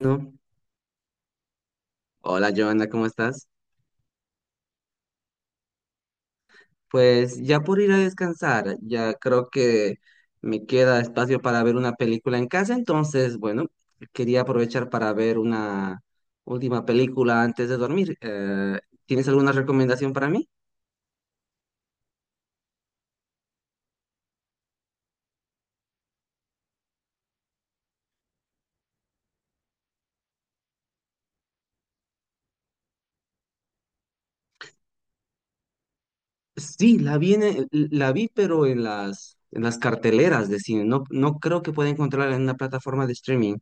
No. Hola, Joana, ¿cómo estás? Pues ya por ir a descansar, ya creo que me queda espacio para ver una película en casa, entonces, bueno, quería aprovechar para ver una última película antes de dormir. ¿Tienes alguna recomendación para mí? Sí, la vi, la vi, pero en las carteleras de cine, no, no creo que pueda encontrarla en una plataforma de streaming.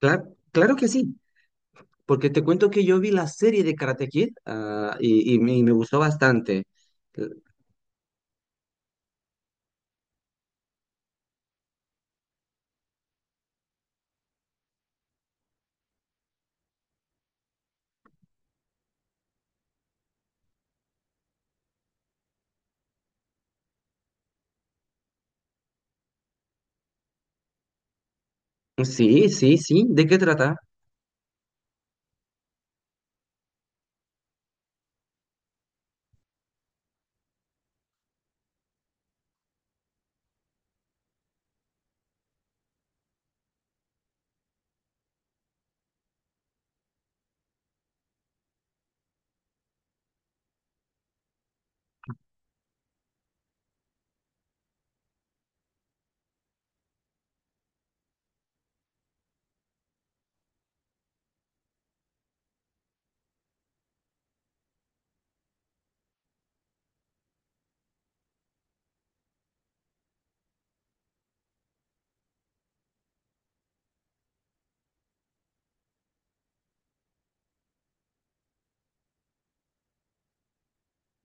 Claro, claro que sí. Porque te cuento que yo vi la serie de Karate Kid, y me gustó bastante. Eh, Sí, sí, sí. ¿De qué trata?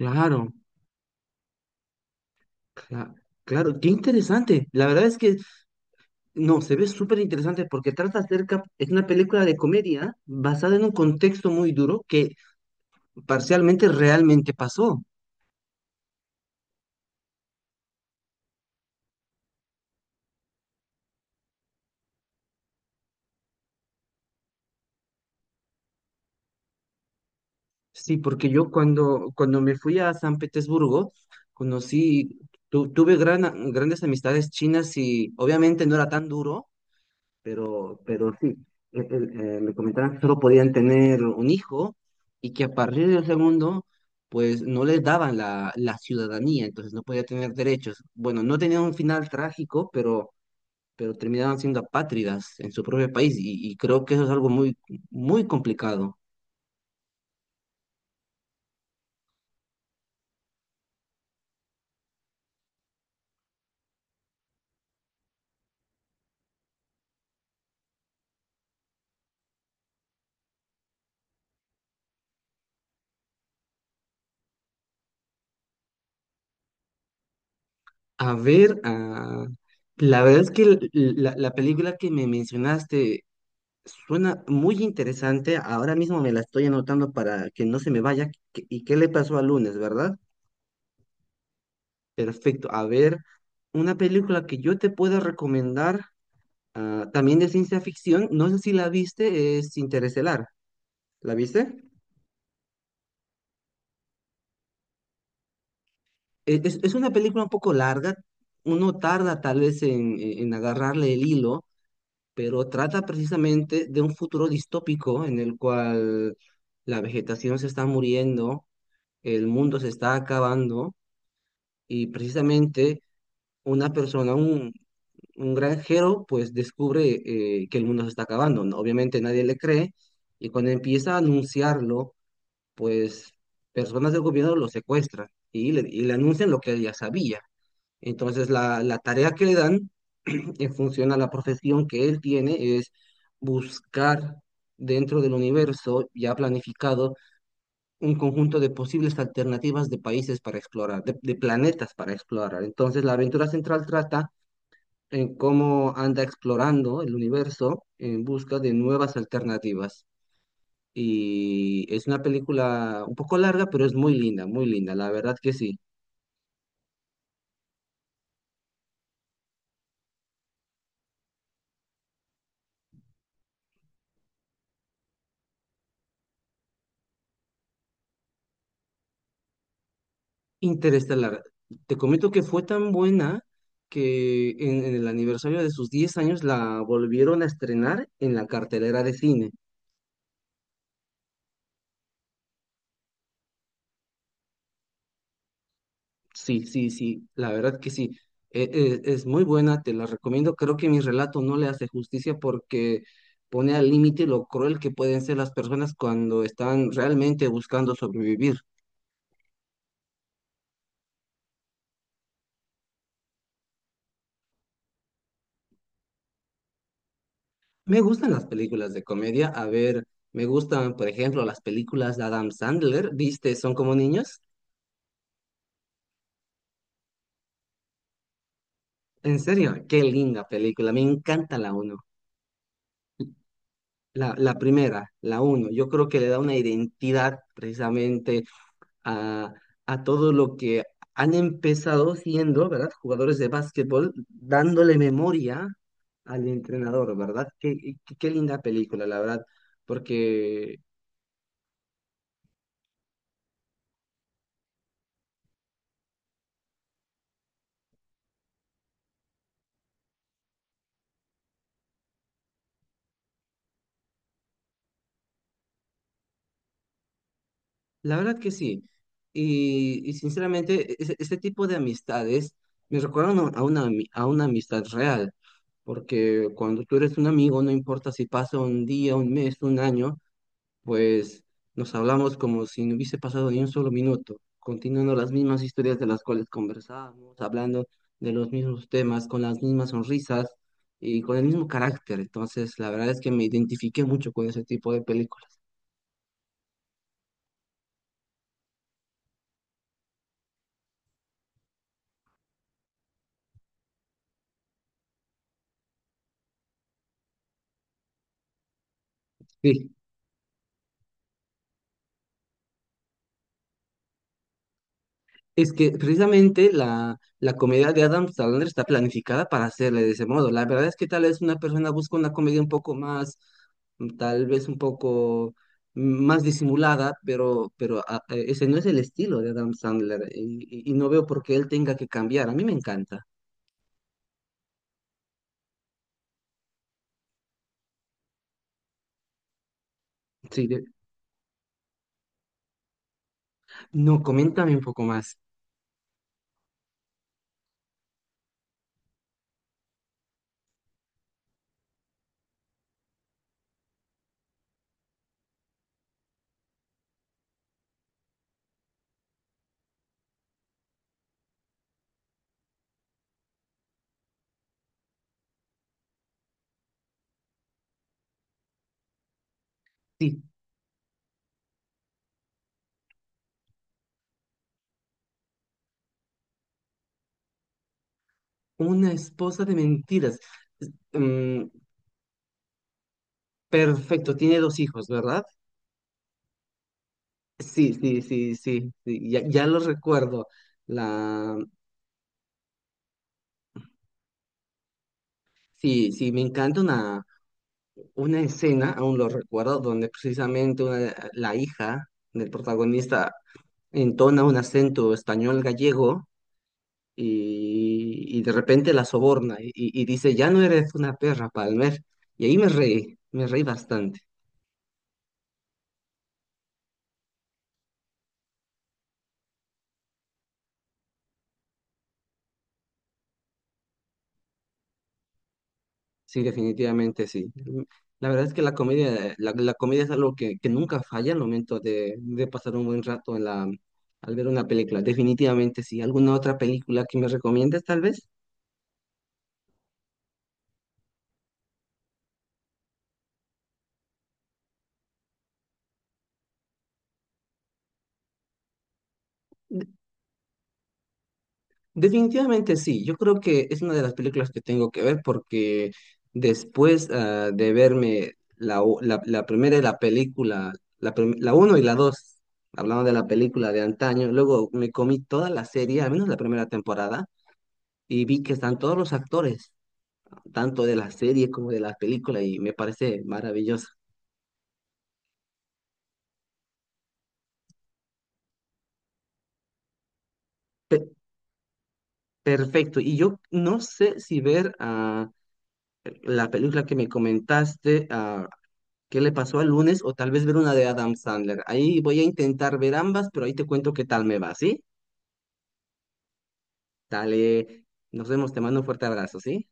Claro, cla- claro, qué interesante. La verdad es que no, se ve súper interesante porque trata acerca, es una película de comedia basada en un contexto muy duro que parcialmente realmente pasó. Sí, porque yo cuando me fui a San Petersburgo, conocí, tuve grandes amistades chinas y obviamente no era tan duro pero sí, eh, eh, me comentaron que solo podían tener un hijo y que a partir del segundo, pues no les daban la ciudadanía, entonces no podía tener derechos. Bueno, no tenían un final trágico, pero terminaban siendo apátridas en su propio país y creo que eso es algo muy, muy complicado. A ver, la verdad es que la película que me mencionaste suena muy interesante. Ahora mismo me la estoy anotando para que no se me vaya. ¿Y qué le pasó al lunes, verdad? Perfecto. A ver, una película que yo te pueda recomendar, también de ciencia ficción, no sé si la viste, es Interestelar. ¿La viste? Es una película un poco larga. Uno tarda tal vez en agarrarle el hilo, pero trata precisamente de un futuro distópico en el cual la vegetación se está muriendo, el mundo se está acabando y precisamente una persona, un granjero, pues descubre que el mundo se está acabando, ¿no? Obviamente nadie le cree y cuando empieza a anunciarlo, pues personas del gobierno lo secuestran y le anuncian lo que él ya sabía. Entonces la tarea que le dan en función a la profesión que él tiene es buscar dentro del universo ya planificado un conjunto de posibles alternativas de países para explorar, de planetas para explorar. Entonces, la aventura central trata en cómo anda explorando el universo en busca de nuevas alternativas. Y es una película un poco larga, pero es muy linda, la verdad que sí. Interestelar. Te comento que fue tan buena que en el aniversario de sus 10 años la volvieron a estrenar en la cartelera de cine. Sí, sí, sí, la verdad que sí. Es muy buena, te la recomiendo. Creo que mi relato no le hace justicia porque pone al límite lo cruel que pueden ser las personas cuando están realmente buscando sobrevivir. Me gustan las películas de comedia. A ver, me gustan, por ejemplo, las películas de Adam Sandler. ¿Viste? Son como niños. En serio, qué linda película. Me encanta la uno. La primera, la uno. Yo creo que le da una identidad precisamente a, a todo lo que han empezado siendo, ¿verdad? Jugadores de básquetbol, dándole memoria al entrenador, ¿verdad? Qué linda película, la verdad, porque la verdad que sí. Y sinceramente, este tipo de amistades me recuerdan a a una amistad real, porque cuando tú eres un amigo, no importa si pasa un día, un mes, un año, pues nos hablamos como si no hubiese pasado ni un solo minuto, continuando las mismas historias de las cuales conversábamos, hablando de los mismos temas, con las mismas sonrisas y con el mismo carácter. Entonces, la verdad es que me identifiqué mucho con ese tipo de películas. Sí. Es que precisamente la comedia de Adam Sandler está planificada para hacerle de ese modo. La verdad es que tal vez una persona busca una comedia un poco más, tal vez un poco más disimulada, pero ese no es el estilo de Adam Sandler y, y no veo por qué él tenga que cambiar. A mí me encanta. Sí, no, coméntame un poco más. Sí, una esposa de mentiras. Mm, Perfecto, tiene dos hijos, ¿verdad? Sí, sí, sí, sí, sí, ya, ya lo recuerdo. La, sí, sí, me encanta una escena, aún lo recuerdo, donde precisamente la hija del protagonista entona un acento español gallego y de repente la soborna y dice, ya no eres una perra, Palmer. Y ahí me reí bastante. Sí, definitivamente sí. La verdad es que la comedia, la comedia es algo que nunca falla al momento de pasar un buen rato al ver una película. Definitivamente sí. ¿Alguna otra película que me recomiendes, tal vez? Definitivamente sí. Yo creo que es una de las películas que tengo que ver porque después de verme la primera de la película, la uno y la dos, hablando de la película de antaño, luego me comí toda la serie, al menos la primera temporada, y vi que están todos los actores tanto de las series como de las películas y me parece maravilloso. Pe- Perfecto. Y yo no sé si ver la película que me comentaste, ¿qué le pasó al lunes? O tal vez ver una de Adam Sandler. Ahí voy a intentar ver ambas, pero ahí te cuento qué tal me va, ¿sí? Dale, nos vemos, te mando un fuerte abrazo, ¿sí?